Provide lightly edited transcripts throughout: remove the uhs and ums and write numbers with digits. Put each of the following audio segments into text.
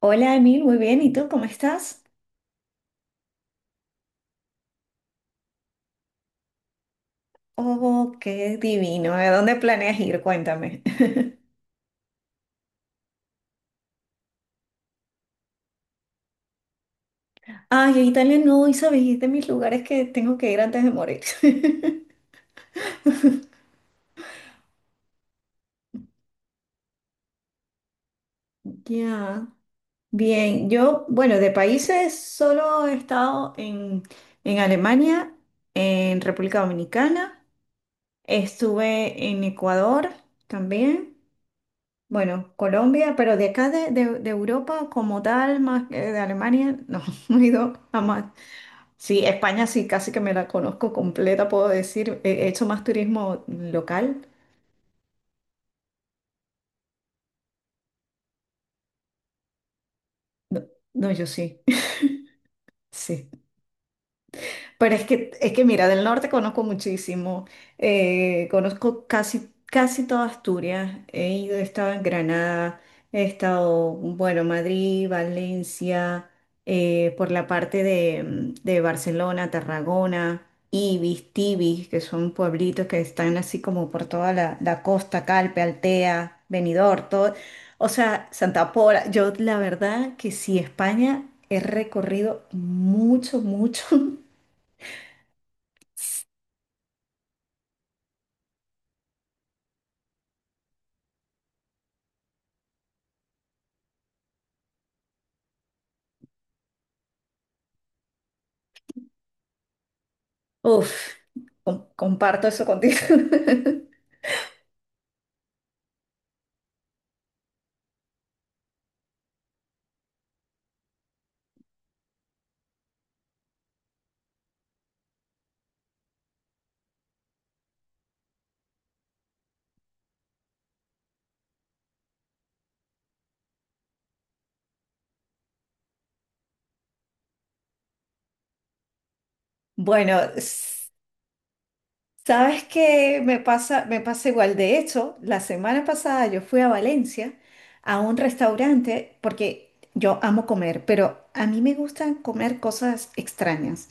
Hola Emil, muy bien. ¿Y tú cómo estás? Oh, qué divino. ¿A dónde planeas ir? Cuéntame. Ay, a Italia no, y sabes, es de mis lugares que tengo que ir antes de morir. Ya. Bien, yo, bueno, de países solo he estado en Alemania, en República Dominicana, estuve en Ecuador también, bueno, Colombia, pero de acá de Europa como tal, más que de Alemania, no, no he ido jamás. Sí, España sí, casi que me la conozco completa, puedo decir. He hecho más turismo local. No, no, yo sí, sí. Pero es que mira, del norte conozco muchísimo, conozco casi, casi toda Asturias, he ido, he estado en Granada, he estado, bueno, Madrid, Valencia, por la parte de, de Barcelona, Tarragona, Ibis, Tibis, que son pueblitos que están así como por toda la costa, Calpe, Altea, Benidorm, todo, o sea, Santa Pola, yo la verdad que sí, España he recorrido mucho, mucho. Uf, comparto eso contigo. Bueno, sabes que me pasa igual. De hecho, la semana pasada yo fui a Valencia a un restaurante porque yo amo comer, pero a mí me gustan comer cosas extrañas.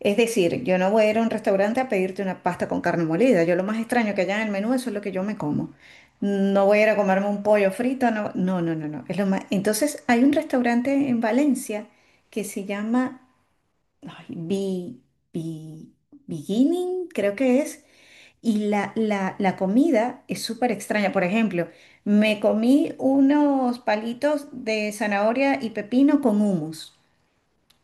Es decir, yo no voy a ir a un restaurante a pedirte una pasta con carne molida. Yo lo más extraño que haya en el menú, eso es lo que yo me como. No voy a ir a comerme un pollo frito, no, no, no, no, no. Es lo más... Entonces, hay un restaurante en Valencia que se llama ay, Bi- Beginning, creo que es. Y la comida es súper extraña. Por ejemplo, me comí unos palitos de zanahoria y pepino con hummus,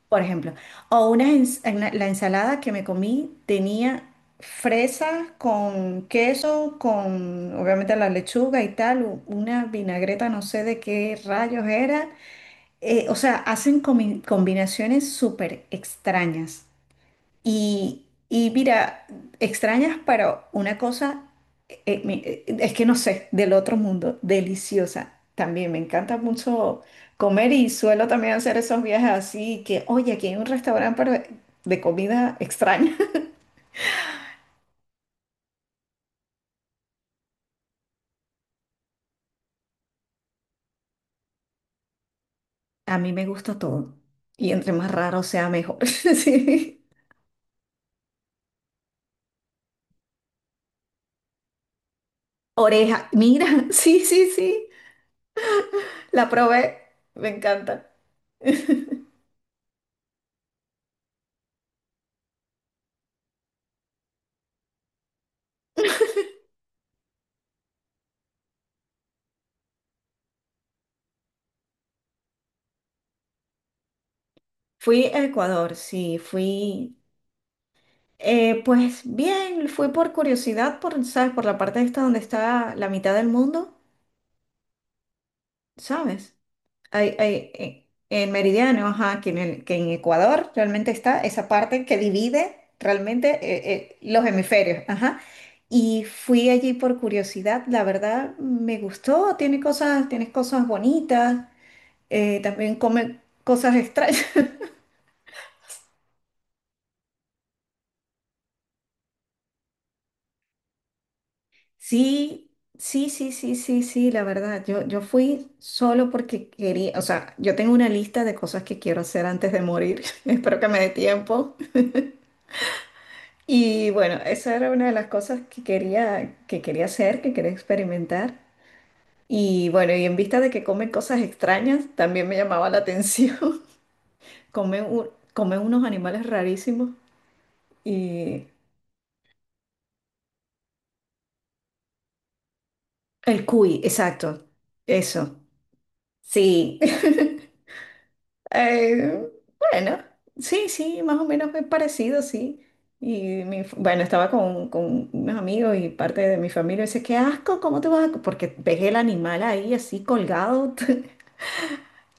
por ejemplo. O una, la ensalada que me comí tenía fresa con queso, con obviamente la lechuga y tal, una vinagreta, no sé de qué rayos era. O sea, hacen combinaciones súper extrañas. Y mira, extrañas, pero una cosa, es que no sé, del otro mundo, deliciosa. También me encanta mucho comer y suelo también hacer esos viajes así que, oye, aquí hay un restaurante pero de comida extraña. A mí me gusta todo. Y entre más raro sea, mejor. Sí. Oreja, mira, sí, sí, sí, la probé, me encanta. Fui a Ecuador, sí, fui. Pues bien, fui por curiosidad, por, ¿sabes? Por la parte esta donde está la mitad del mundo, ¿sabes? Hay hay en Meridiano, ajá, que en Ecuador realmente está esa parte que divide realmente los hemisferios, ajá. Y fui allí por curiosidad, la verdad me gustó, tiene cosas bonitas, también come cosas extrañas. Sí, sí, sí, sí, sí, sí, la verdad. Yo fui solo porque quería, o sea, yo tengo una lista de cosas que quiero hacer antes de morir. Espero que me dé tiempo. Y bueno, esa era una de las cosas que quería hacer, que quería experimentar. Y bueno, y en vista de que comen cosas extrañas, también me llamaba la atención. Comen, comen unos animales rarísimos. Y el cuy, exacto. Eso. Sí. Eh, bueno, sí, sí, más o menos es parecido, sí. Y bueno, estaba con unos amigos y parte de mi familia. Dice, qué asco, ¿cómo te vas a...? Porque ves el animal ahí así colgado.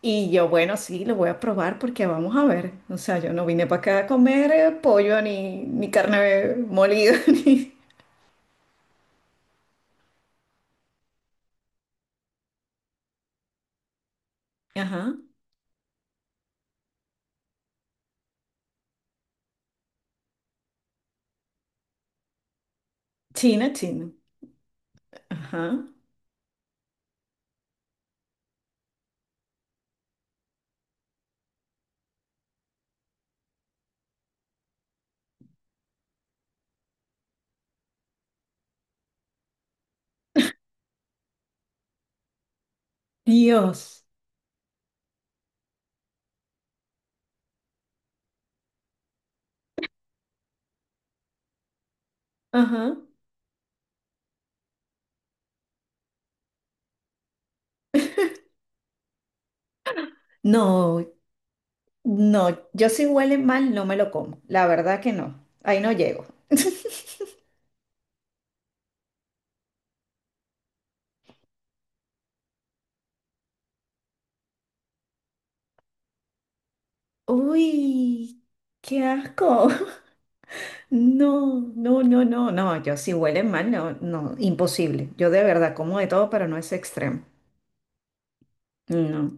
Y yo, bueno, sí, lo voy a probar porque vamos a ver. O sea, yo no vine para acá a comer pollo ni, ni carne molida, ni... Ajá. China, China. Ajá. Dios. Ajá. No, no, yo si huele mal no me lo como, la verdad que no, ahí no llego. Uy, qué asco. No, no, no, no, no, yo si huele mal, no, no, imposible. Yo de verdad como de todo, pero no es extremo. No.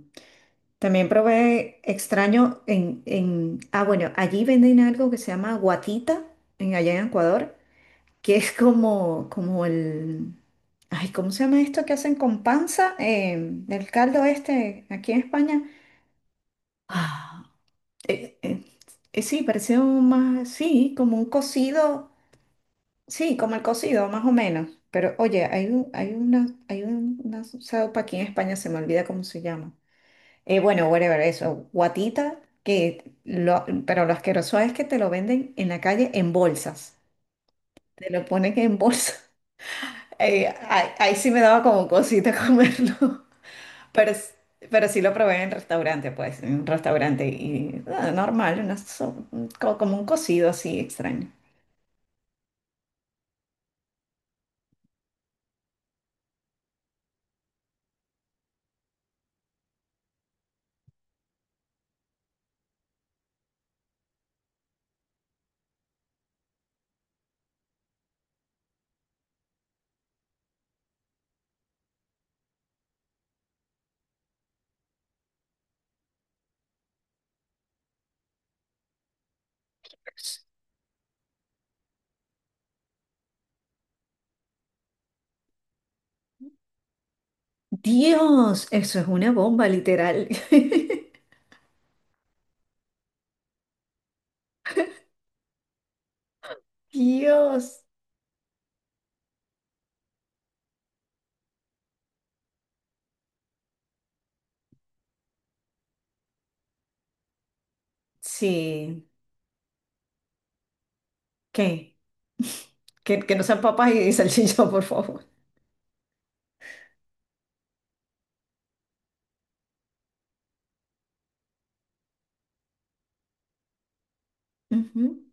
También probé extraño en, ah, bueno, allí venden algo que se llama guatita, en allá en Ecuador, que es como, como el, ay, ¿cómo se llama esto que hacen con panza? El caldo este, aquí en España. Ah, eh, eh, sí, parecía un más, sí, como un cocido, sí, como el cocido, más o menos. Pero oye, hay una sopa aquí en España, se me olvida cómo se llama. Bueno, whatever, eso, guatita, que lo, pero lo asqueroso es que te lo venden en la calle en bolsas. Te lo ponen en bolsa. Ahí sí me daba como cosita comerlo. Pero, s- pero sí lo probé en restaurante, pues, en un restaurante y ah, normal, co- como un cocido así extraño. Dios, eso es una bomba, literal. Dios. Sí. ¿Qué? Que no sean papas y salchicha, por favor. Ujú.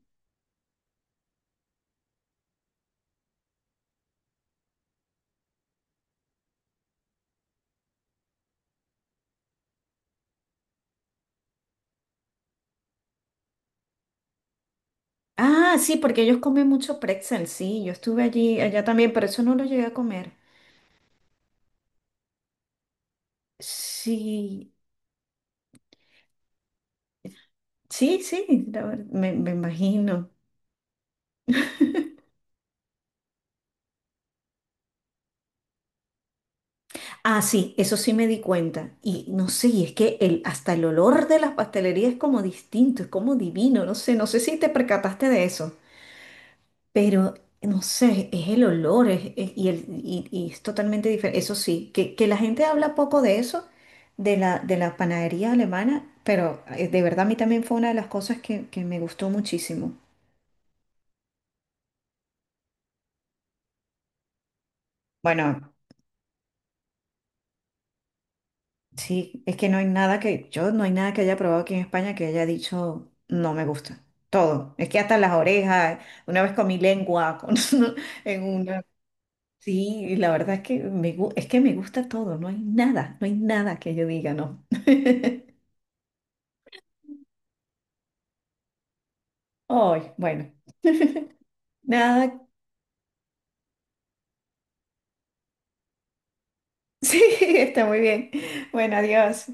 Ah, sí, porque ellos comen mucho pretzel, sí. Yo estuve allí, allá también, pero eso no lo llegué a comer. Sí, sí, sí, me, me imagino. Ah, sí, eso sí me di cuenta. Y no sé, y es que el, hasta el olor de las pastelerías es como distinto, es como divino, no sé, no sé si te percataste de eso, pero no sé, es el olor es- y, el, y es totalmente diferente. Eso sí, que la gente habla poco de eso, de de la panadería alemana, pero de verdad a mí también fue una de las cosas que me gustó muchísimo. Bueno, sí, es que no hay nada que, yo no hay nada que haya probado aquí en España que haya dicho no me gusta. Todo. Es que hasta las orejas, una vez comí lengua en una. Sí, y la verdad es que es que me gusta todo, no hay nada, no hay nada que yo diga no. Ay, bueno. Nada, sí, está muy bien. Bueno, adiós.